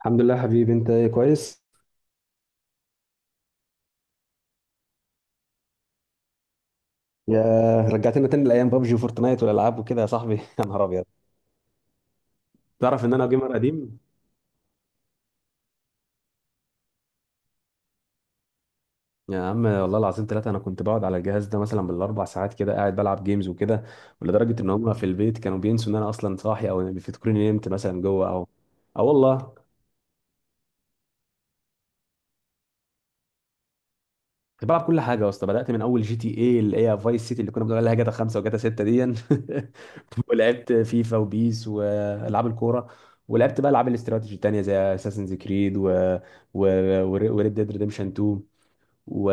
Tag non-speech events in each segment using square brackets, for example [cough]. الحمد لله حبيبي. انت ايه، كويس؟ يا رجعتنا تاني لايام بابجي وفورتنايت والالعاب وكده يا صاحبي. [laughs] يا نهار ابيض، تعرف ان انا جيمر قديم؟ يا عم والله العظيم ثلاثة، انا كنت بقعد على الجهاز ده مثلا بالاربع ساعات كده قاعد بلعب جيمز وكده، ولدرجة ان هم في البيت كانوا بينسوا ان انا اصلا صاحي او بيفتكروني نمت مثلا جوه. او اه والله، كنت بلعب كل حاجه يا اسطى. بدات من اول جي تي اي اللي هي فايس سيتي اللي كنا بنقول عليها جاتا 5 وجاتا 6 دي. [laughs] ولعبت فيفا وبيس والعاب الكوره، ولعبت بقى العاب الاستراتيجي التانيه زي اساسنز كريد و وريد ديد ريديمشن 2 و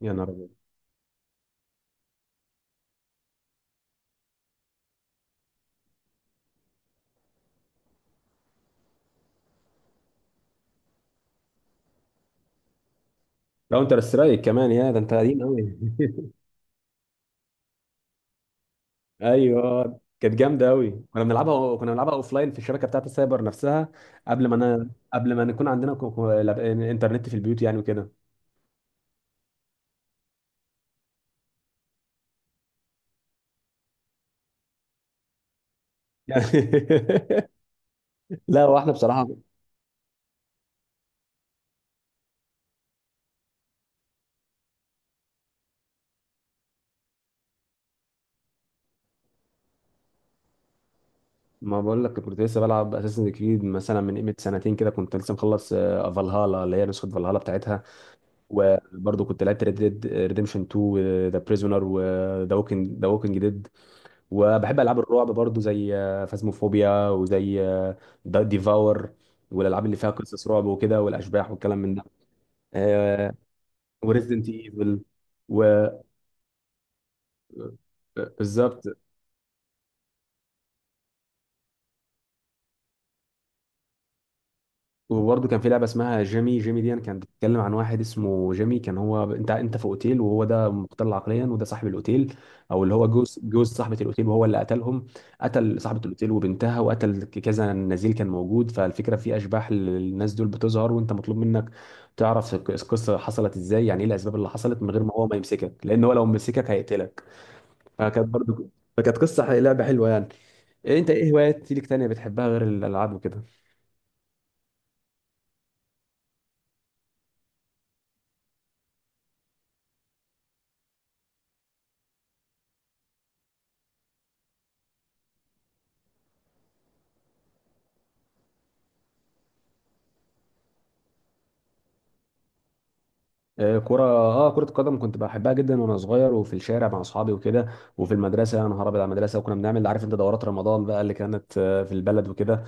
يا نهار ابيض. كاونتر سترايك كمان؟ يا ده انت قديم قوي. [laughs] ايوه كانت جامده قوي، كنا بنلعبها. كنا بنلعبها اوف لاين في الشبكه بتاعت السايبر نفسها، قبل ما انا قبل ما نكون عندنا انترنت في البيوت يعني وكده. [laughs] يعني [laughs] لا، واحنا بصراحه ما بقول لك كنت لسه بلعب اساسن كريد مثلا من قيمه سنتين كده، كنت لسه مخلص فالهالا اللي هي نسخه فالهالا بتاعتها. وبرضه كنت لعبت ريد ديد ريديمشن 2 وذا بريزونر وذا ووكينج، ذا ووكينج ديد. وبحب العاب الرعب برضه زي فازموفوبيا وزي ديفاور، والالعاب اللي فيها قصص رعب وكده والاشباح والكلام من ده. وريزدنت ايفل و Resident Evil. و- آه، بالظبط. وبرضه كان في لعبه اسمها جيمي، جيمي دي كانت بتتكلم عن واحد اسمه جيمي، كان هو انت في اوتيل، وهو ده مختل عقليا وده صاحب الاوتيل، او اللي هو جوز صاحبه الاوتيل، وهو اللي قتلهم. قتل صاحبه الاوتيل وبنتها، وقتل كذا نزيل كان موجود. فالفكره في اشباح للناس دول بتظهر وانت مطلوب منك تعرف القصه حصلت ازاي، يعني ايه الاسباب اللي حصلت، من غير ما هو ما يمسكك، لان هو لو مسكك هيقتلك. فكانت برضه فكانت قصه لعبه حلوه يعني. إيه انت، ايه هوايات ليك تانية بتحبها غير الالعاب وكده؟ آه، كرة، اه كرة القدم كنت بحبها جدا وانا صغير، وفي الشارع مع اصحابي وكده، وفي المدرسة يا نهار ابيض على المدرسة. وكنا بنعمل، عارف انت دورات رمضان بقى اللي كانت في البلد وكده.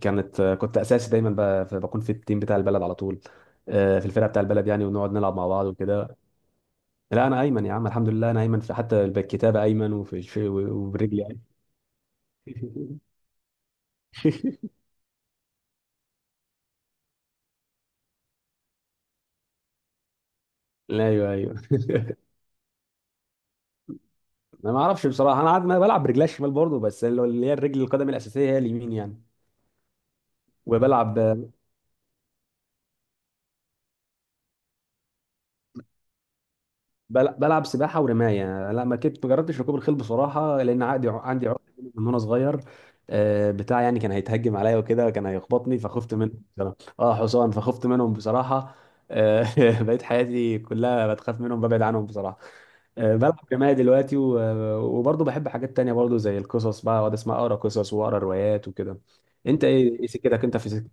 كانت كنت اساسي دايما بكون في التيم بتاع البلد على طول، آه، في الفرقة بتاع البلد يعني، ونقعد نلعب مع بعض وكده. لا انا ايمن يا عم، الحمد لله انا ايمن، في حتى بالكتابة ايمن، وفي وبرجلي يعني. [laughs] لا، ايوه ايوه. [laughs] انا ما اعرفش بصراحه، انا عاد ما بلعب برجلي الشمال برضه، بس اللي هي الرجل القدم الاساسيه هي اليمين يعني. وبلعب بلعب سباحه ورمايه. لا ما كنت، ما جربتش ركوب الخيل بصراحه، لان عندي عقده من وانا صغير. آه، بتاع يعني كان هيتهجم عليا وكده وكان هيخبطني، فخفت منه بصراحه. اه حصان، فخفت منهم بصراحه. آه، [laughs] بقيت حياتي كلها بتخاف منهم، ببعد عنهم بصراحه. آه، بلعب رمايه دلوقتي وبرضه بحب حاجات تانية برضه زي القصص بقى، اقعد اسمع اقرا قصص واقرا روايات وكده. انت ايه، إيه سكتك انت في سكتك؟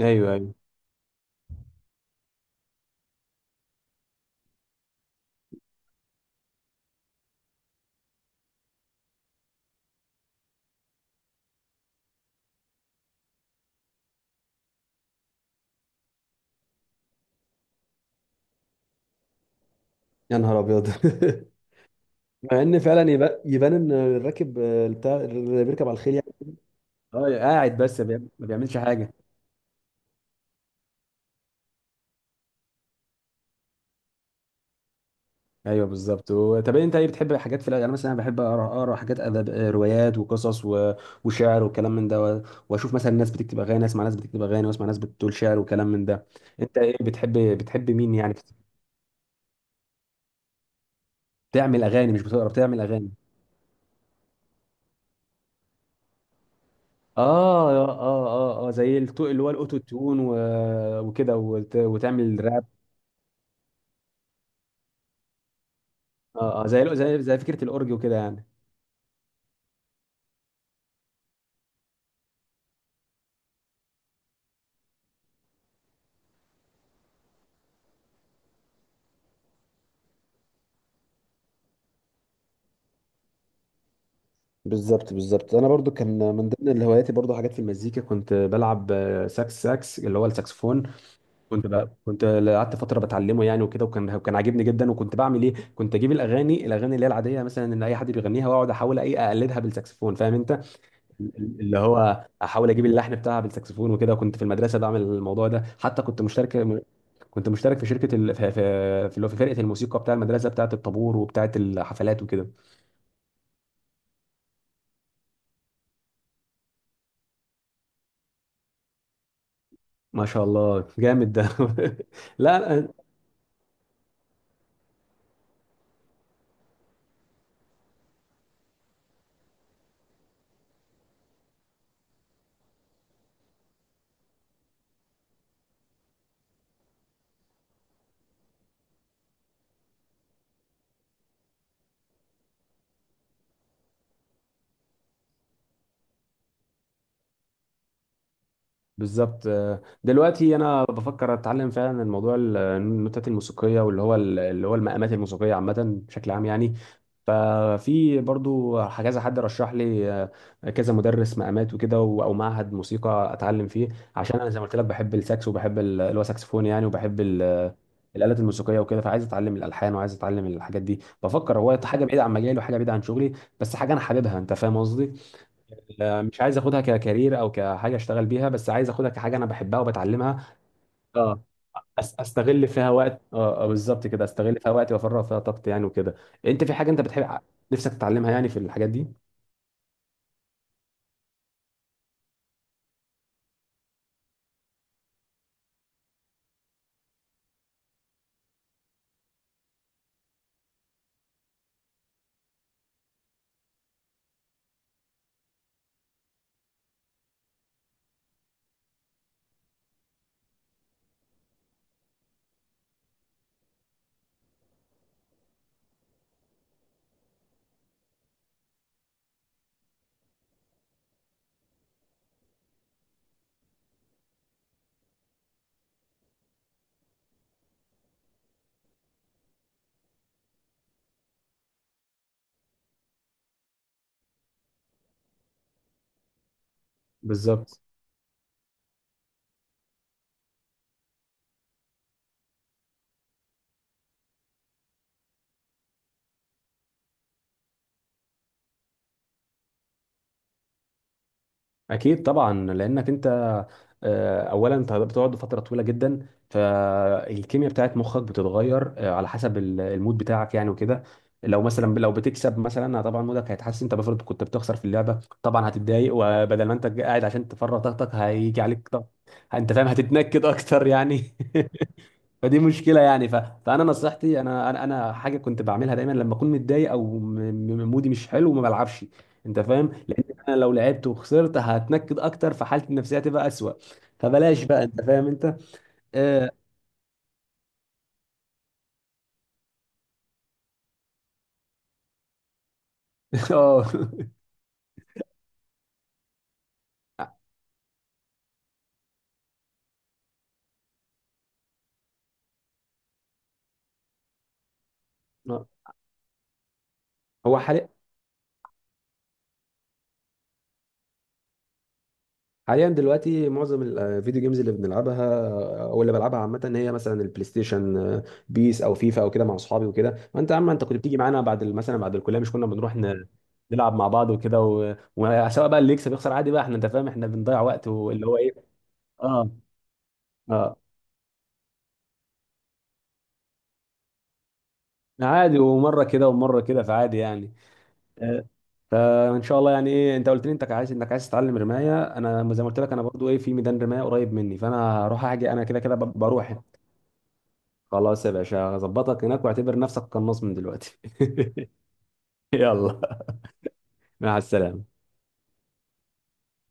ايوه ايوه. يا نهار ابيض. [laughs] مع ان فعلا يبان، يبان ان الراكب آه، بتاع اللي بيركب على الخيل، اه قاعد بس ما بيعملش حاجه. ايوه بالظبط. طب انت ايه بتحب حاجات في الادب؟ انا مثلا بحب اقرا، اقرا حاجات ادب آه، روايات وقصص وشعر وكلام من ده واشوف مثلا ناس بتكتب اغاني، اسمع ناس بتكتب اغاني، واسمع ناس بتقول شعر وكلام من ده. انت ايه بتحب، بتحب مين يعني؟ بتعمل اغاني؟ مش بتقرا، بتعمل اغاني. اه اه اه اه، زي اللي هو الاوتو تيون وكده وتعمل راب. اه اه، زي زي فكره الاورج وكده يعني. بالظبط بالظبط، انا برضو كان من ضمن اللي هواياتي برضو حاجات في المزيكا، كنت بلعب آه، ساكس اللي هو الساكسفون. كنت بقى، كنت قعدت فتره بتعلمه يعني وكده، وكان كان عاجبني جدا. وكنت بعمل ايه، كنت اجيب الاغاني، الاغاني اللي هي العاديه مثلا ان اي حد بيغنيها واقعد احاول ايه اقلدها بالساكسفون، فاهم انت؟ اللي هو احاول اجيب اللحن بتاعها بالساكسفون وكده. كنت في المدرسه بعمل الموضوع ده، حتى كنت مشترك، كنت مشترك في شركه في في اللي هو في فرقه الموسيقى بتاع المدرسه، بتاعه الطابور وبتاعه الحفلات وكده. ما شاء الله، جامد ده. [laughs] لا، بالظبط. آه، دلوقتي انا بفكر اتعلم فعلا الموضوع النوتات الموسيقيه، واللي هو اللي هو المقامات الموسيقيه عامه بشكل عام يعني. ففي برضو كذا حد رشح لي آه، كذا مدرس مقامات وكده او معهد موسيقى اتعلم فيه. عشان انا زي ما قلت لك، بحب الساكس وبحب اللي هو ساكسفون يعني، وبحب الآلات الموسيقية وكده. فعايز اتعلم الالحان وعايز اتعلم الحاجات دي. بفكر هو حاجة بعيدة عن مجالي وحاجة بعيدة عن شغلي، بس حاجة انا حاببها، انت فاهم قصدي؟ لا، مش عايز اخدها ككارير او كحاجه اشتغل بيها، بس عايز اخدها كحاجه انا بحبها وبتعلمها. اه، استغل فيها وقت، اه آه، بالظبط كده، استغل فيها وقت وافرغ فيها طاقتي يعني وكده. انت في حاجه انت بتحب نفسك تتعلمها يعني في الحاجات دي؟ بالظبط. اكيد طبعا، لانك انت آه، اولا انت بتقعد فتره طويله جدا، فالكيمياء بتاعت مخك بتتغير آه، على حسب المود بتاعك يعني وكده. لو مثلا لو بتكسب مثلا آه، طبعا مودك هيتحسن. انت بفرض كنت بتخسر في اللعبه، طبعا هتتضايق، وبدل ما انت قاعد عشان تفرغ طاقتك هيجي عليك طاقه، انت فاهم، هتتنكد اكتر يعني. [laughs] فدي مشكله يعني. فانا نصيحتي، انا حاجه كنت بعملها دايما، لما اكون متضايق او مودي مش حلو، ما بلعبش. انت فاهم، لان انا لو لعبت وخسرت هتنكد اكتر، فحالتي النفسيه هتبقى اسوأ. فبلاش بقى، انت فاهم انت. اه. [laughs] آه. هو حاليا، حاليا دلوقتي معظم الفيديو جيمز اللي بنلعبها، او اللي بلعبها عامه، هي مثلا البلاي ستيشن آه، بيس او فيفا او كده مع اصحابي وكده. وانت يا عم، انت كنت بتيجي معانا بعد مثلا بعد الكليه، مش كنا بنروح نلعب مع بعض وكده، وسواء بقى اللي يكسب يخسر عادي بقى، احنا انت فاهم احنا بنضيع وقت واللي هو ايه. اه اه، عادي، ومره كده ومره كده، فعادي يعني. آه، فان شاء الله يعني. ايه، انت قلت لي انت عايز، انك عايز تتعلم رمايه، انا زي ما قلت لك انا برضو ايه في ميدان رمايه قريب مني، فانا هروح اجي انا كده كده بروح. خلاص يا باشا، هظبطك هناك واعتبر نفسك قناص من دلوقتي. [laughs] يلا، مع السلامة.